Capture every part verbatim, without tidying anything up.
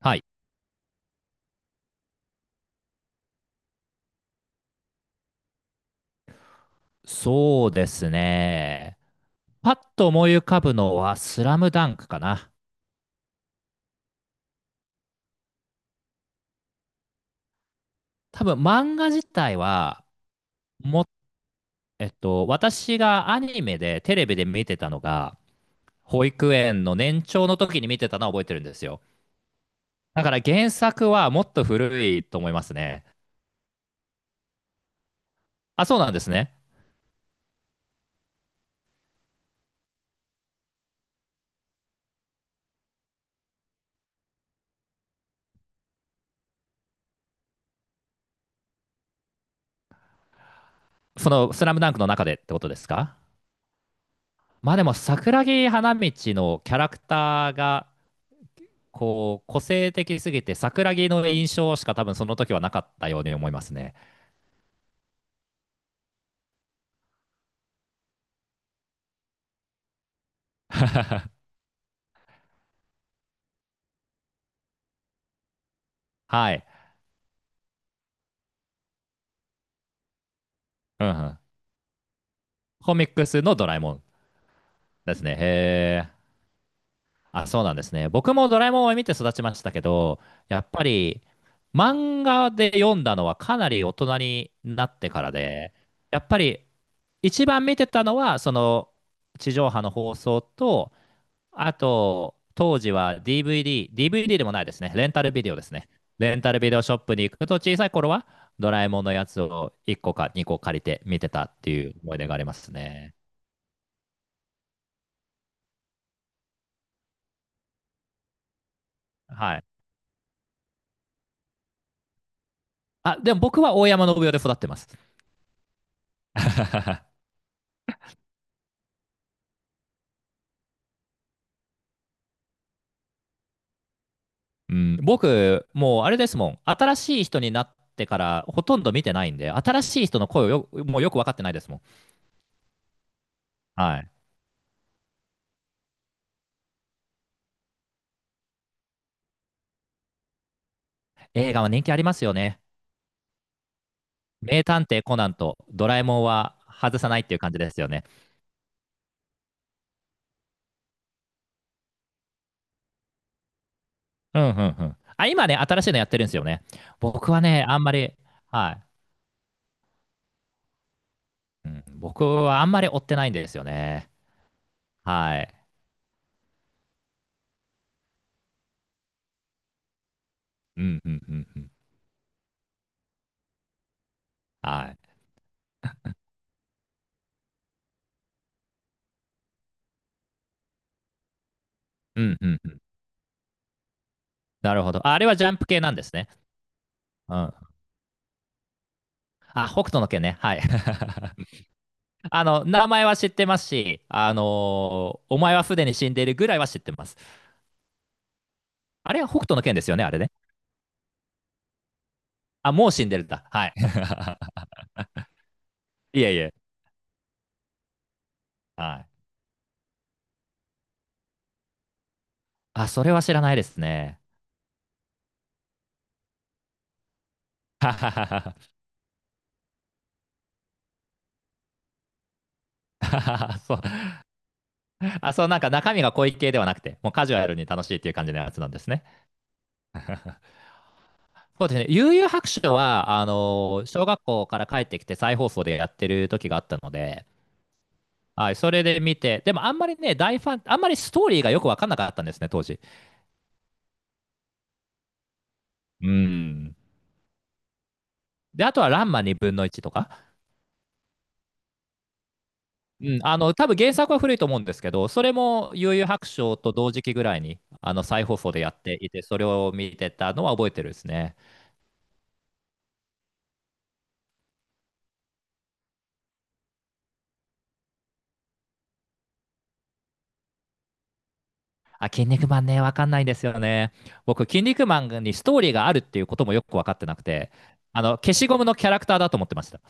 はい。そうですね。パッと思い浮かぶのはスラムダンクかな。多分漫画自体は、も、えっと、私がアニメでテレビで見てたのが、保育園の年長の時に見てたのは覚えてるんですよ。だから原作はもっと古いと思いますね。あ、そうなんですね。そのスラムダンクの中でってことですか？まあでも桜木花道のキャラクターがこう、個性的すぎて、桜木の印象しか多分その時はなかったように思いますね。はい。うんうん。コミックスのドラえもんですね。へー。あ、そうなんですね。僕もドラえもんを見て育ちましたけど、やっぱり漫画で読んだのはかなり大人になってからで、やっぱり一番見てたのは、その地上波の放送と、あと、当時は ディーブイディー、ディーブイディー でもないですね。レンタルビデオですね。レンタルビデオショップに行くと、小さい頃はドラえもんのやつをいっこかにこ借りて見てたっていう思い出がありますね。はい。あ、でも僕は大山信代で育ってます。うん、僕、もうあれですもん。新しい人になってからほとんど見てないんで、新しい人の声をよ、もうよく分かってないですもん。はい。映画は人気ありますよね。名探偵コナンとドラえもんは外さないっていう感じですよね。うんうんうん。あ、今ね、新しいのやってるんですよね。僕はね、あんまり、はい。うん、僕はあんまり追ってないんですよね。はい。うんうんうんうん。はい。うんうんうん。なるほど。ああれはジャンプ系なんですね。うん。あ、北斗の拳ね。はい。あの、名前は知ってますし、あのーお前はすでに死んでいるぐらいは知ってます。あれは北斗の拳ですよね、あれね。あ、もう死んでるんだ。はい。いえいえ。はい。あ、それは知らないですね。そう。あ、そう、なんか中身が濃い系ではなくて、もうカジュアルに楽しいっていう感じのやつなんですね。そうですね。悠々白書は、あの、小学校から帰ってきて再放送でやってる時があったので、はい、それで見て、でもあんまりね、大ファン、あんまりストーリーがよくわかんなかったんですね、当時。うん。で、あとはランマにぶんのいちとか。うん、あの、多分原作は古いと思うんですけど、それも悠々白書と同時期ぐらいに、あの、再放送でやっていて、それを見てたのは覚えてるですね。あ、筋肉マンね、わかんないんですよね。僕、筋肉マンにストーリーがあるっていうこともよくわかってなくて、あの、消しゴムのキャラクターだと思ってました。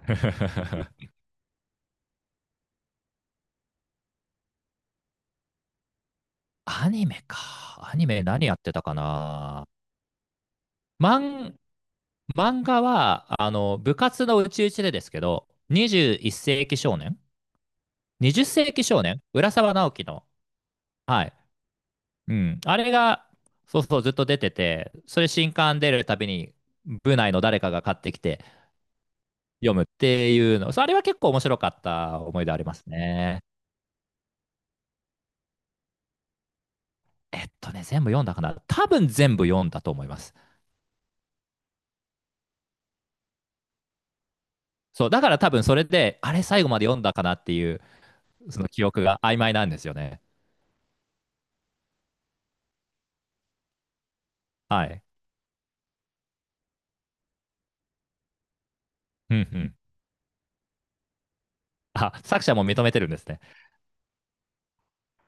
アニメか。アニメ何やってたかな。漫、漫画は、あの、部活のうちうちでですけど、21世紀少年 ?にじゅう 世紀少年浦沢直樹の。はい。うん。あれが、そうそう、ずっと出てて、それ新刊出るたびに、部内の誰かが買ってきて、読むっていうの、そうあれは結構面白かった思い出ありますね。えっとね、全部読んだかな。多分全部読んだと思います。そう、だから多分それで、あれ最後まで読んだかなっていう、その記憶が曖昧なんですよね。はい。うんうん。あ、作者も認めてるんですね。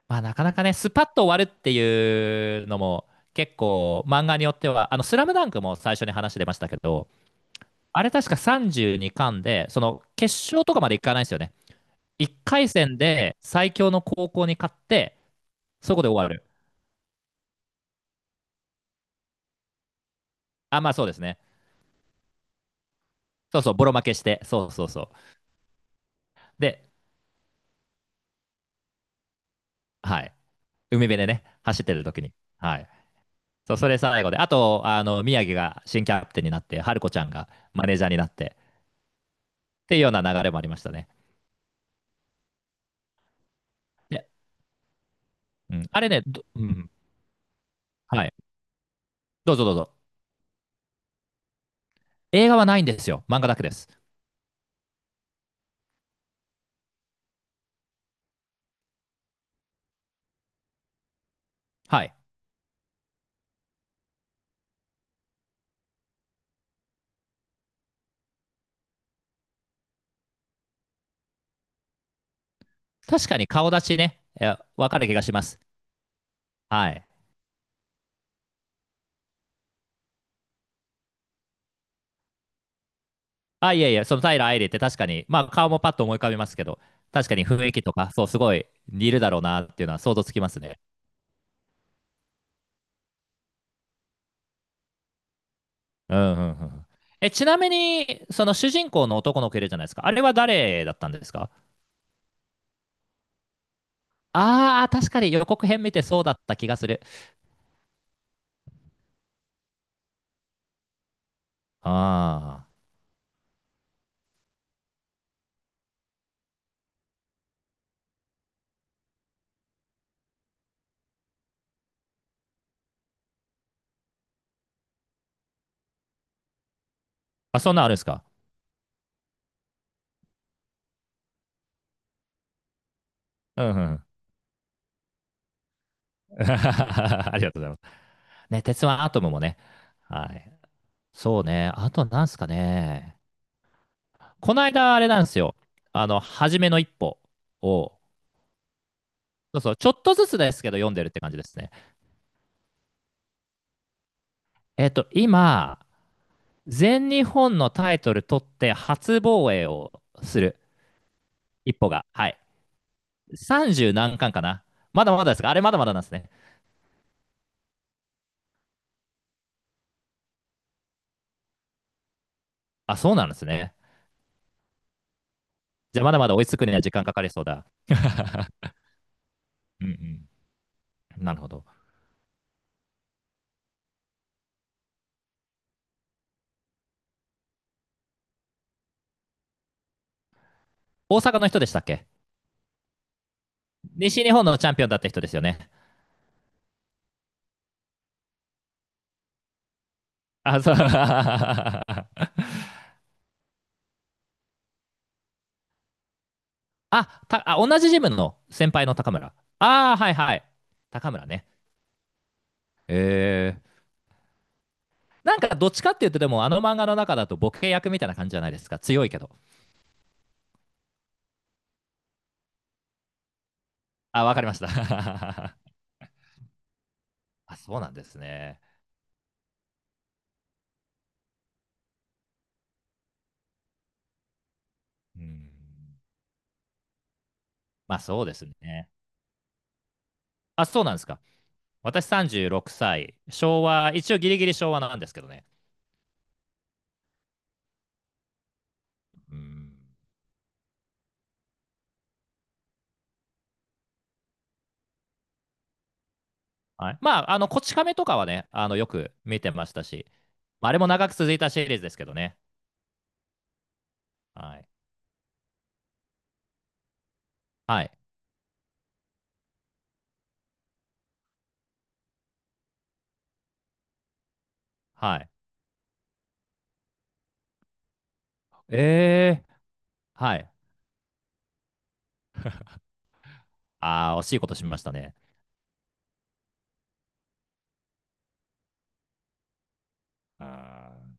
まあなかなかね、スパッと終わるっていうのも、結構漫画によっては、あの、スラムダンクも最初に話出ましたけど、あれ確かさんじゅうにかんで、その決勝とかまでいかないんですよね。いっかい戦で最強の高校に勝って、そこで終わる。あ、まあそうですね。そうそう、ボロ負けして、そうそうそう。で、はい。海辺でね、走ってる時に。はい。そう、それ最後で。あと、あの、宮城が新キャプテンになって、春子ちゃんがマネージャーになって、っていうような流れもありましたね。で、うん、あれね、どうん、はい。どうぞどうぞ。映画はないんですよ。漫画だけです。はい。確かに顔出しね、いやわかる気がします。はい。あ、いやいや、その平愛理って確かに、まあ顔もパッと思い浮かびますけど、確かに雰囲気とか、そう、すごい似るだろうなっていうのは想像つきますね。うんうんうん。え、ちなみに、その主人公の男の子いるじゃないですか。あれは誰だったんですか？ああー、確かに予告編見てそうだった気がする。あー。あ、そんなんあるんですか？うんうん。ありがとうございます。ね、鉄腕アトムもね。はい。そうね。あとなんすかね。この間、あれなんですよ。あの、初めの一歩を、そうそう、ちょっとずつですけど読んでるって感じですね。えっと、今、全日本のタイトル取って初防衛をする。一歩が。はい。さんじゅう何巻かな？まだまだですか？あれまだまだなんですね。あ、そうなんですね。じゃあまだまだ追いつくには時間かかりそうだ。うんうん。なるほど。大阪の人でしたっけ？西日本のチャンピオンだった人ですよね。あ、そう。あ、たあ同じジムの先輩の高村。ああ、はいはい。高村ね。えー。なんかどっちかっていうと、でもあの漫画の中だとボケ役みたいな感じじゃないですか。強いけど。あ、わかりました。あ、そうなんですね。うん。まあそうですね。あ、そうなんですか。私さんじゅうろくさい、昭和、一応ギリギリ昭和なんですけどね。うん。はい、まあ、あの、こち亀とかはね、あの、よく見てましたし、まああれも長く続いたシリーズですけどね。はい。はい。はい。ええー、はい。ああ、惜しいことしましたね。あー